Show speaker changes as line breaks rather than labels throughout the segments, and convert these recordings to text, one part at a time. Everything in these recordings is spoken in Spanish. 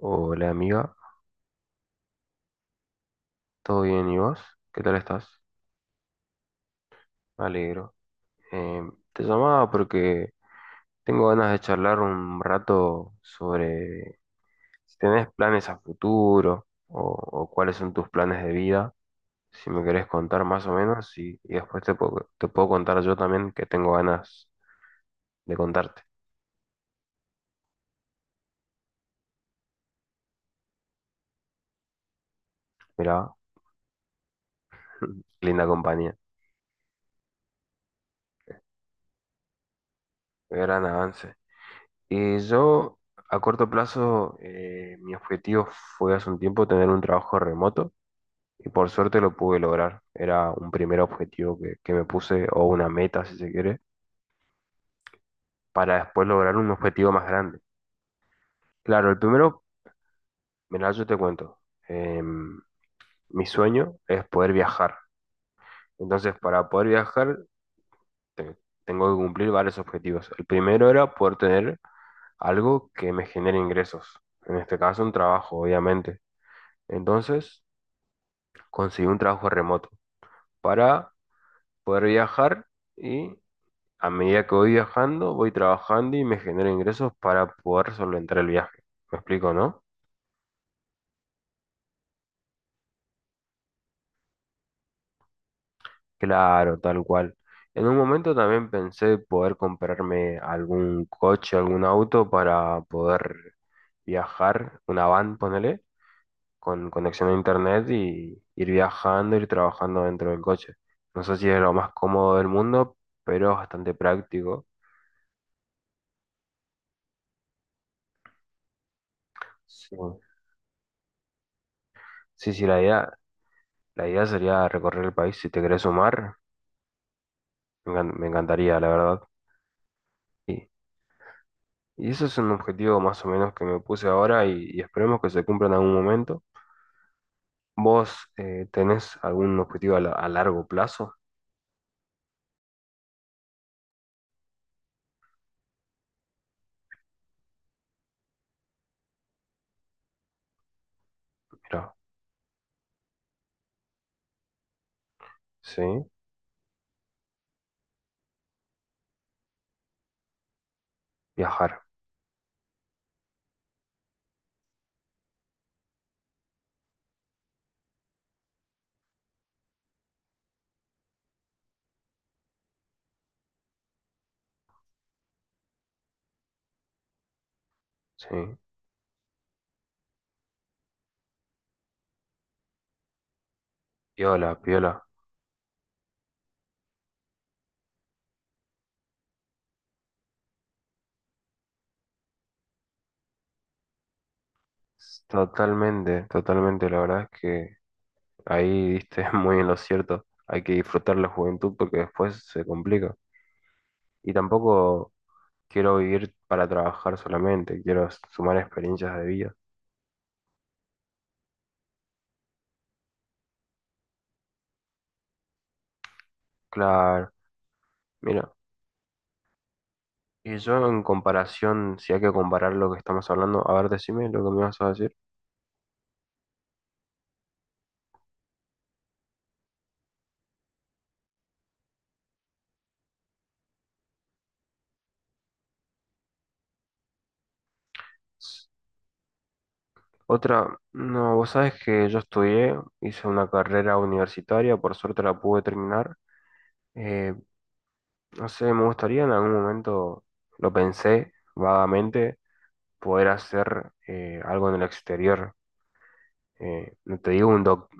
Hola amiga, ¿todo bien y vos? ¿Qué tal estás? Me alegro. Eh, Te llamaba porque tengo ganas de charlar un rato sobre si tenés planes a futuro o cuáles son tus planes de vida, si me querés contar más o menos y después te puedo contar yo también que tengo ganas de contarte. Mirá, linda compañía, gran avance. Y yo a corto plazo, mi objetivo fue hace un tiempo tener un trabajo remoto. Y por suerte lo pude lograr. Era un primer objetivo que me puse, o una meta, si se quiere, para después lograr un objetivo más grande. Claro, el primero, mira, yo te cuento. em, mi sueño es poder viajar. Entonces, para poder viajar, te- tengo que cumplir varios objetivos. El primero era poder tener algo que me genere ingresos. En este caso, un trabajo, obviamente. Entonces, conseguí un trabajo remoto para poder viajar y a medida que voy viajando, voy trabajando y me genero ingresos para poder solventar el viaje. ¿Me explico, no? Claro, tal cual. En un momento también pensé poder comprarme algún coche, algún auto para poder viajar, una van, ponele, con conexión a internet y ir viajando, ir trabajando dentro del coche. No sé si es lo más cómodo del mundo, pero es bastante práctico. Sí, sí, sí, la idea sería recorrer el país si te querés sumar. Me encantaría, la verdad. Y, y eso es un objetivo más o menos que me puse ahora y esperemos que se cumpla en algún momento. ¿Vos tenés algún objetivo a largo plazo? Mira, sí, viajar, sí. Piola, piola. Totalmente, totalmente. La verdad es que ahí diste muy en lo cierto. Hay que disfrutar la juventud porque después se complica. Y tampoco quiero vivir para trabajar solamente, quiero sumar experiencias de vida. Claro. Mira, y yo en comparación, si hay que comparar lo que estamos hablando, a ver, decime lo que me vas a decir. Otra, no, vos sabés que yo estudié, hice una carrera universitaria, por suerte la pude terminar. Eh, no sé, me gustaría en algún momento, lo pensé vagamente, poder hacer algo en el exterior. No te digo un doc,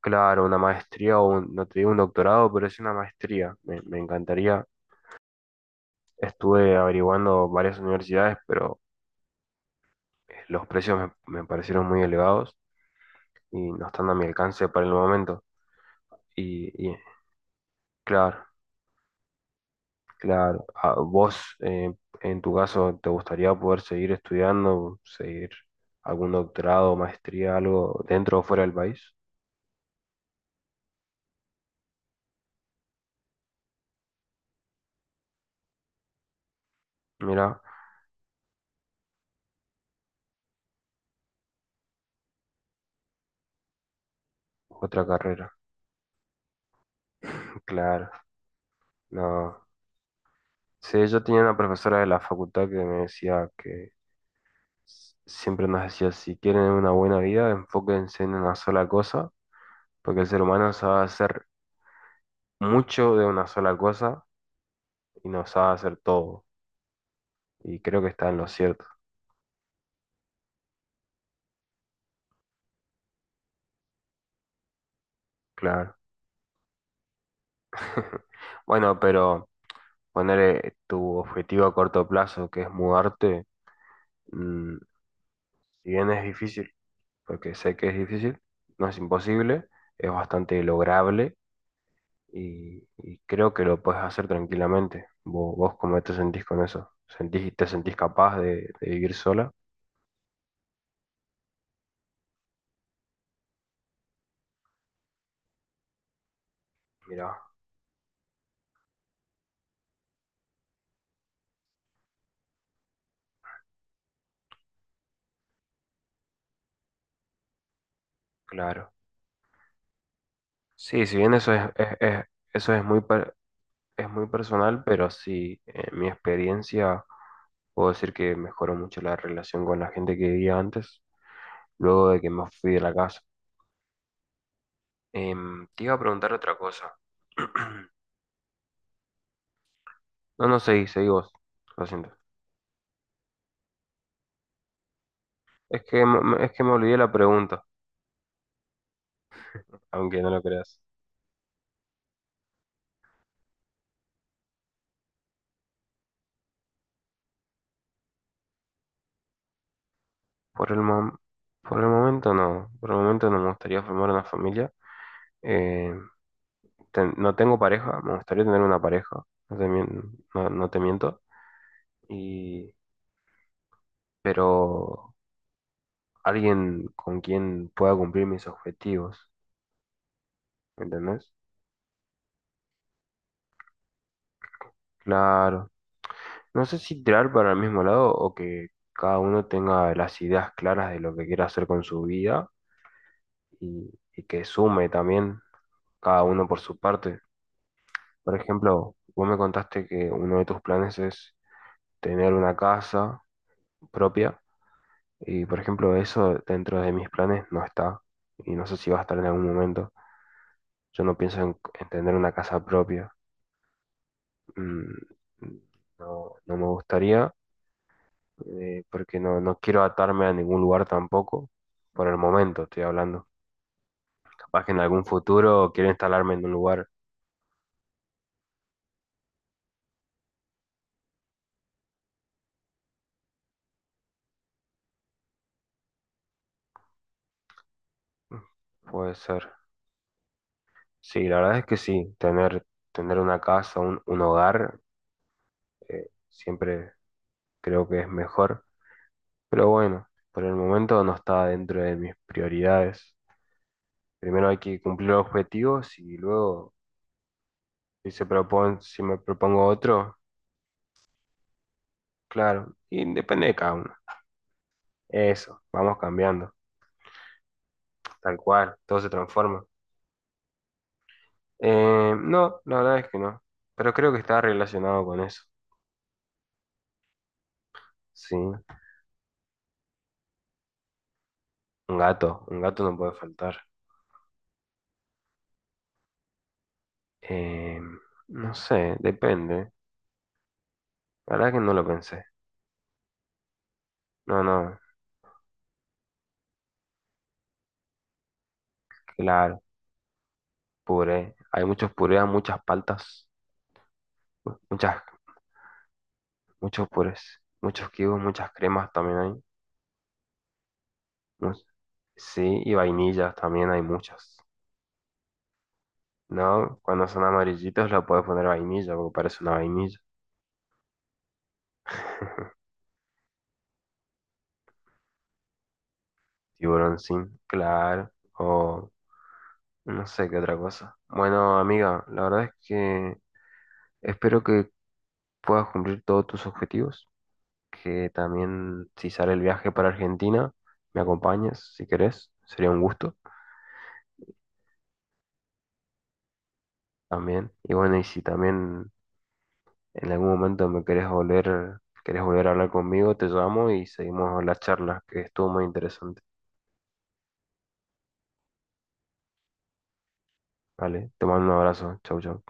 Claro, una maestría o no te digo un doctorado, pero es una maestría. Me encantaría. Estuve averiguando varias universidades, pero los precios me parecieron muy elevados y no están a mi alcance para el momento. Y, y, claro, claro, a vos en tu caso, ¿te gustaría poder seguir estudiando, seguir algún doctorado, maestría, algo dentro o fuera del país? Mira, otra carrera. Claro, no. Sí, yo tenía una profesora de la facultad que me decía que siempre nos decía, si quieren una buena vida, enfóquense en una sola cosa, porque el ser humano sabe hacer mucho de una sola cosa y no sabe hacer todo. Y creo que está en lo cierto, claro. Bueno, pero poner tu objetivo a corto plazo, que es mudarte, mm, si bien es difícil, porque sé que es difícil, no es imposible, es bastante lograble y creo que lo puedes hacer tranquilamente. ¿Vos, vos cómo te sentís con eso? ¿Sentís, te sentís capaz de vivir sola? Mira. Claro. Sí, si bien eso es muy personal, pero sí, en mi experiencia puedo decir que mejoró mucho la relación con la gente que vivía antes, luego de que me fui de la casa. Em, te iba a preguntar otra cosa. No, no, seguí, seguí vos. Lo siento. Es que me olvidé la pregunta, aunque no lo creas. Por el, mom- por el momento no. Por el momento no me gustaría formar una familia. Eh, no tengo pareja, me gustaría tener una pareja. No, no te miento. Y, pero alguien con quien pueda cumplir mis objetivos, ¿me entendés? Claro. No sé si tirar para el mismo lado o que cada uno tenga las ideas claras de lo que quiere hacer con su vida y, y que sume también cada uno por su parte. Por ejemplo, vos me contaste que uno de tus planes es tener una casa propia y, por ejemplo, eso dentro de mis planes no está y no sé si va a estar en algún momento. Yo no pienso en tener una casa propia. mm, no, no me gustaría, porque no quiero atarme a ningún lugar tampoco, por el momento estoy hablando. Capaz que en algún futuro quiero instalarme en un lugar, puede ser. Sí, la verdad es que sí, tener una casa, un hogar, siempre creo que es mejor, pero bueno, por el momento no está dentro de mis prioridades. Primero hay que cumplir los objetivos y luego, si me propongo otro, claro, y depende de cada uno. Eso, vamos cambiando, tal cual, todo se transforma. No, la verdad es que no, pero creo que está relacionado con eso, sí. Un gato no puede faltar. Eh, no sé, depende. La verdad que no lo pensé. No, no, claro, puré. Hay muchos purés, muchas paltas, muchas, muchos purés, muchos kibos, muchas cremas también hay. Mu- Sí, y vainillas también hay muchas. No, cuando son amarillitos lo puedes poner vainilla porque parece una vainilla. Tiburón sin, claro, o no sé qué otra cosa. Bueno, amiga, la verdad es que espero que puedas cumplir todos tus objetivos, que también si sale el viaje para Argentina, me acompañes si querés, sería un gusto también. Y bueno, y si también en algún momento me querés volver a hablar conmigo, te llamo y seguimos la charla, que estuvo muy interesante. Vale, te mando un abrazo, chau, chau.